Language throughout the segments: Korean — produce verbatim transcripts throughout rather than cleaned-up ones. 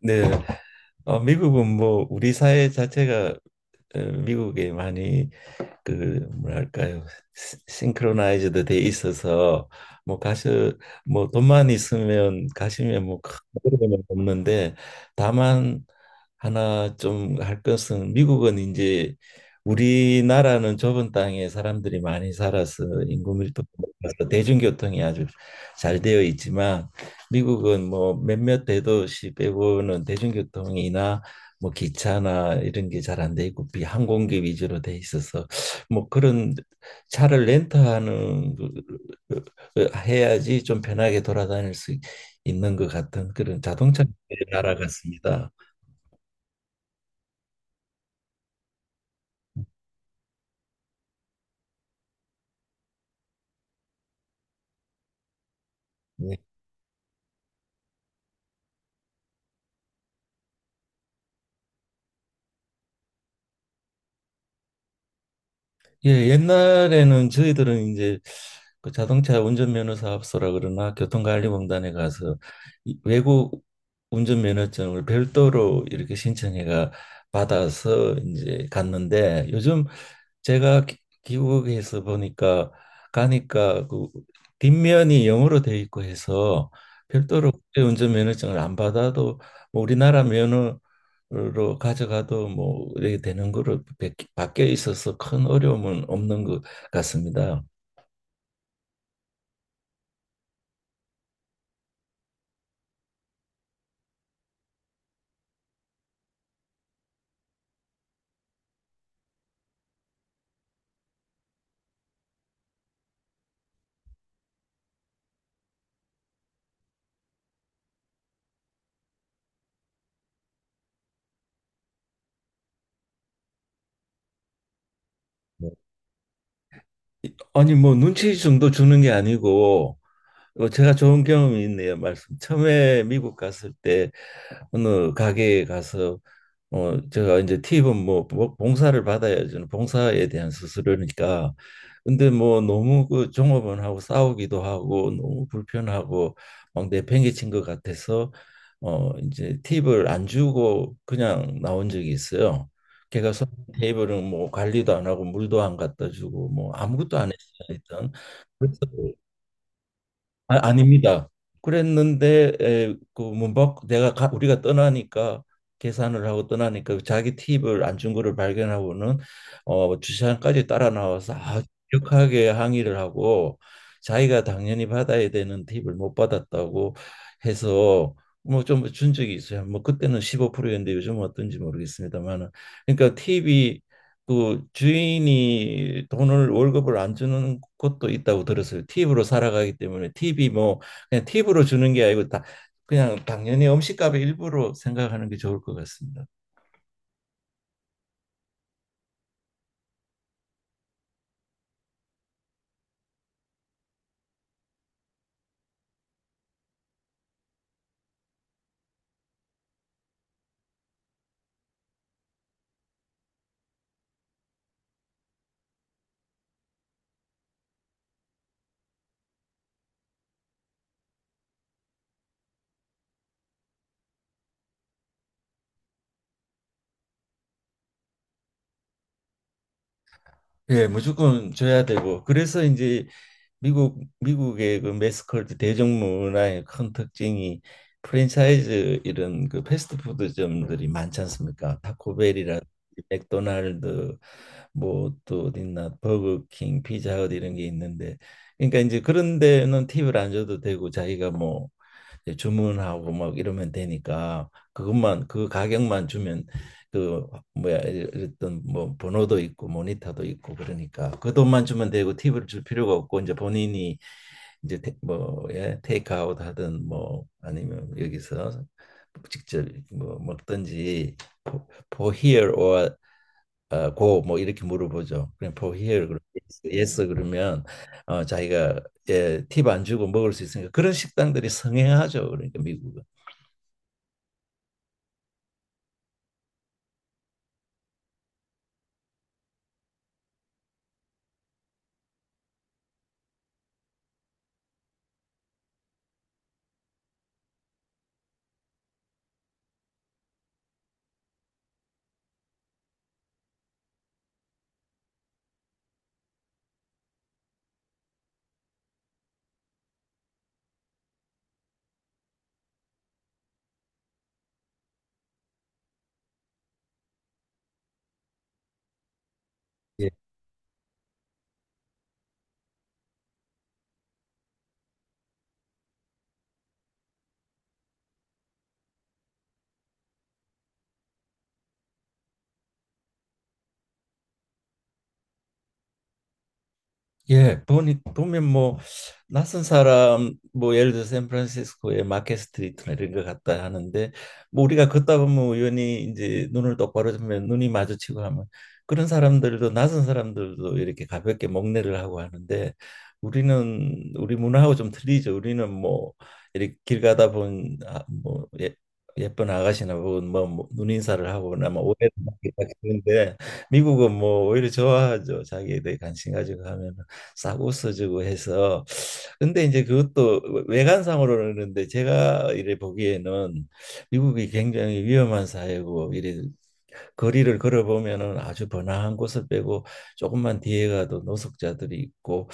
네, 어, 미국은 뭐 우리 사회 자체가 어, 미국에 많이 그 뭐랄까요, 싱크로나이즈드 돼 있어서 뭐 가수 뭐 돈만 있으면 가시면 뭐큰 어려움 없는데, 다만 하나 좀 할 것은 미국은 이제 우리나라는 좁은 땅에 사람들이 많이 살아서 인구 밀도가 높아서 대중교통이 아주 잘 되어 있지만, 미국은 뭐 몇몇 대도시 빼고는 대중교통이나 뭐 기차나 이런 게 잘 안 돼 있고 비항공기 위주로 돼 있어서 뭐 그런 차를 렌트하는 그- 그, 그, 해야지 좀 편하게 돌아다닐 수 있는 것 같은 그런 자동차 나라 같습니다. 네. 예, 옛날에는 저희들은 이제 그 자동차 운전면허 사업소라 그러나 교통관리공단에 가서 이 외국 운전면허증을 별도로 이렇게 신청해가 받아서 이제 갔는데, 요즘 제가 기- 미국에서 보니까 가니까 그 뒷면이 영어로 돼 있고 해서 별도로 운전 면허증을 안 받아도 뭐 우리나라 면허로 가져가도 뭐 이렇게 되는 거로 바- 바뀌어 있어서 큰 어려움은 없는 것 같습니다. 뭐, 아니 뭐 눈치 정도 주는 게 아니고 뭐 제가 좋은 경험이 있네요. 말씀 처음에 미국 갔을 때 어느 가게에 가서 어 제가 이제 팁은 뭐 봉- 봉사를 받아야 저는 봉사에 대한 수수료니까 근데 뭐 너무 그 종업원하고 싸우기도 하고 너무 불편하고 막 내팽개친 것 같아서 어 이제 팁을 안 주고 그냥 나온 적이 있어요. 걔가 손 테이블은 뭐 관리도 안 하고 물도 안 갖다 주고 뭐 아무것도 안 했어요, 일단. 그래서 아, 아닙니다. 그랬는데 에, 그 문밖 내가 가, 우리가 떠나니까 계산을 하고 떠나니까 자기 팁을 안 준 거를 발견하고는 어, 주차장까지 따라 나와서 아주 격하게 항의를 하고 자기가 당연히 받아야 되는 팁을 못 받았다고 해서 뭐 좀 준 적이 있어요. 뭐 그때는 십오 프로였는데 요즘은 어떤지 모르겠습니다만은, 그러니까 팁이 그 주인이 돈을 월급을 안 주는 곳도 있다고 들었어요. 팁으로 살아가기 때문에 팁이 뭐 그냥 팁으로 주는 게 아니고 다 그냥 당연히 음식값의 일부로 생각하는 게 좋을 것 같습니다. 예, 무조건 줘야 되고 그래서 이제 미국 미국의 그 매스컬트 대중문화의 큰 특징이 프랜차이즈 이런 그 패스트푸드점들이 많지 않습니까? 타코벨이라, 맥도날드, 뭐 또 어디 있나, 버거킹, 피자헛 이런 게 있는데, 그러니까 이제 그런 데는 팁을 안 줘도 되고 자기가 뭐 이제 주문하고 막 이러면 되니까 그것만 그 가격만 주면 그 뭐야, 어떤 뭐 번호도 있고 모니터도 있고 그러니까 그 돈만 주면 되고 팁을 줄 필요가 없고 이제 본인이 이제 테, 뭐 예, 테이크아웃 하든 뭐 아니면 여기서 직접 뭐 먹든지 for here or 어, 고, 뭐, 이렇게 물어보죠. 그냥 for here, 그러면 yes, yes 그러면 어, 자기가 예, 팁안 주고 먹을 수 있으니까 그런 식당들이 성행하죠. 그러니까 미국은. 예, 예, 보니 보면 뭐 낯선 사람 뭐 예를 들어 샌프란시스코의 마켓 스트리트나 이런 것 같다 하는데 뭐 우리가 걷다 보면 우연히 이제 눈을 똑바로 뜨면 눈이 마주치고 하면 그런 사람들도 낯선 사람들도 이렇게 가볍게 목례를 하고 하는데, 우리는 우리 문화하고 좀 틀리죠. 우리는 뭐 이렇게 길 가다 본 아, 뭐 예, 예쁜 아가씨나 혹은 뭐, 뭐 눈인사를 하거나 뭐 오해를 받는데, 미국은 뭐 오히려 좋아하죠. 자기에 대해 관심 가지고 하면. 싸고 써주고 해서 근데 이제 그것도 외관상으로는 그런데, 제가 이래 보기에는 미국이 굉장히 위험한 사회고 이래 거리를 걸어보면은 아주 번화한 곳을 빼고 조금만 뒤에 가도 노숙자들이 있고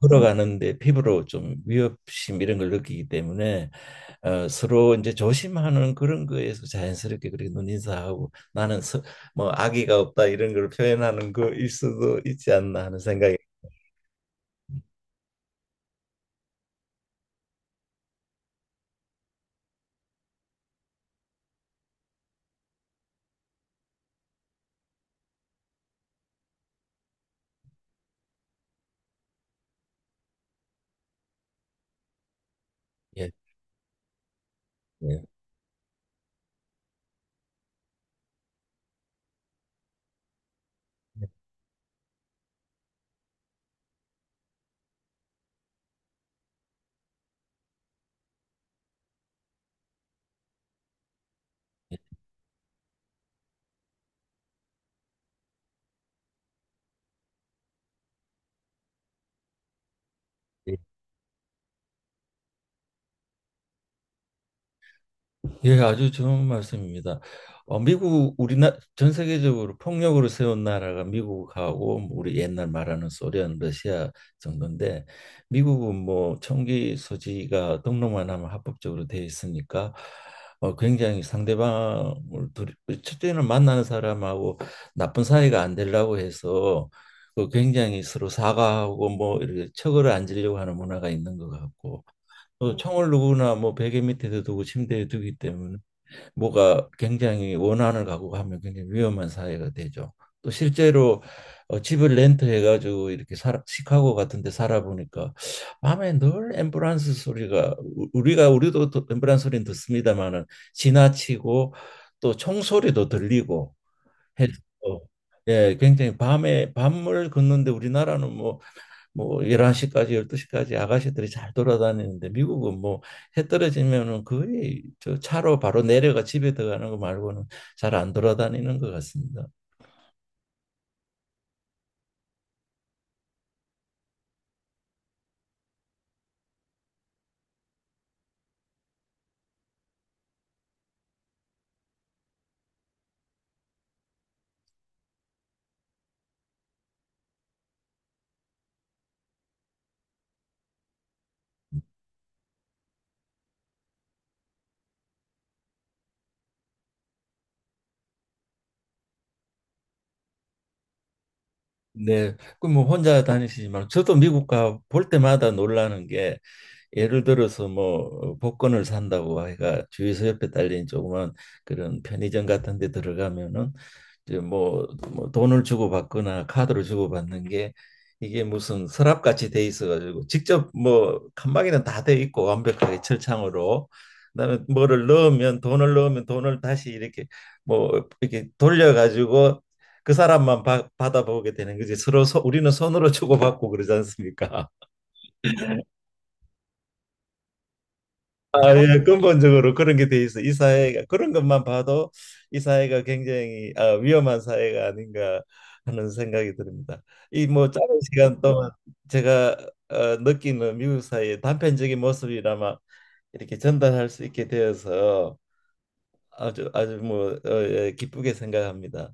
걸어가는데 피부로 좀 위협심 이런 걸 느끼기 때문에 어, 서로 이제 조심하는 그런 거에서 자연스럽게 그렇게 눈인사하고 나는 서, 뭐 악의가 없다 이런 걸 표현하는 거일 수도 있지 않나 하는 생각이. 예. 예. 예, 예, 아주 좋은 말씀입니다. 어, 미국 우리나 전 세계적으로 폭력으로 세운 나라가 미국하고 뭐 우리 옛날 말하는 소련, 러시아 정도인데, 미국은 뭐 총기 소지가 등록만 하면 합법적으로 돼 있으니까 어, 굉장히 상대방을 두 첫째는 만나는 사람하고 나쁜 사이가 안 되려고 해서 그 굉장히 서로 사과하고 뭐 이렇게 척을 안 지려고 하는 문화가 있는 것 같고, 또 총을 누구나 뭐 베개 밑에도 두고 침대에 두기 때문에 뭐가 굉장히 원한을 갖고 하면 굉장히 위험한 사회가 되죠. 또 실제로 어, 집을 렌트해 가지고 이렇게 살아, 시카고 같은 데 살아보니까 밤에 늘 앰뷸런스 소리가 우- 우리가 우리도 또 앰뷸런스 소리는 듣습니다마는 지나치고 또 총소리도 들리고 해서 예, 굉장히 밤에 밤을 걷는데 우리나라는 뭐 뭐 열한 시까지 열두 시까지 아가씨들이 잘 돌아다니는데, 미국은 뭐 해 떨어지면은 거의 저 차로 바로 내려가 집에 들어가는 거 말고는 잘 안 돌아다니는 것 같습니다. 네, 그뭐 혼자 다니시지만 저도 미국 가 볼 때마다 놀라는 게 예를 들어서 뭐 복권을 산다고 해가 주유소 옆에 딸린 조그만 그런 편의점 같은 데 들어가면은 이제 뭐, 뭐 돈을 주고 받거나 카드를 주고 받는 게 이게 무슨 서랍같이 돼 있어가지고 직접 뭐 칸막이는 다 돼 있고 완벽하게 철창으로 그다음에 뭐를 넣으면 돈을 넣으면 돈을 다시 이렇게 뭐 이렇게 돌려가지고 그 사람만 바, 받아보게 되는 거지. 서로 소, 우리는 손으로 주고받고 그러지 않습니까? 아, 예, 근본적으로 그런 게 돼 있어. 이 사회가 그런 것만 봐도 이 사회가 굉장히 아, 위험한 사회가 아닌가 하는 생각이 듭니다. 이 뭐 짧은 시간 동안 제가 어, 느끼는 미국 사회의 단편적인 모습이라마 이렇게 전달할 수 있게 되어서 아주 아주 뭐 어, 예, 기쁘게 생각합니다.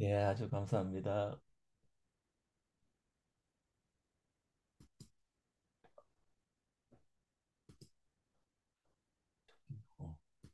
예, 아주 감사합니다. 어.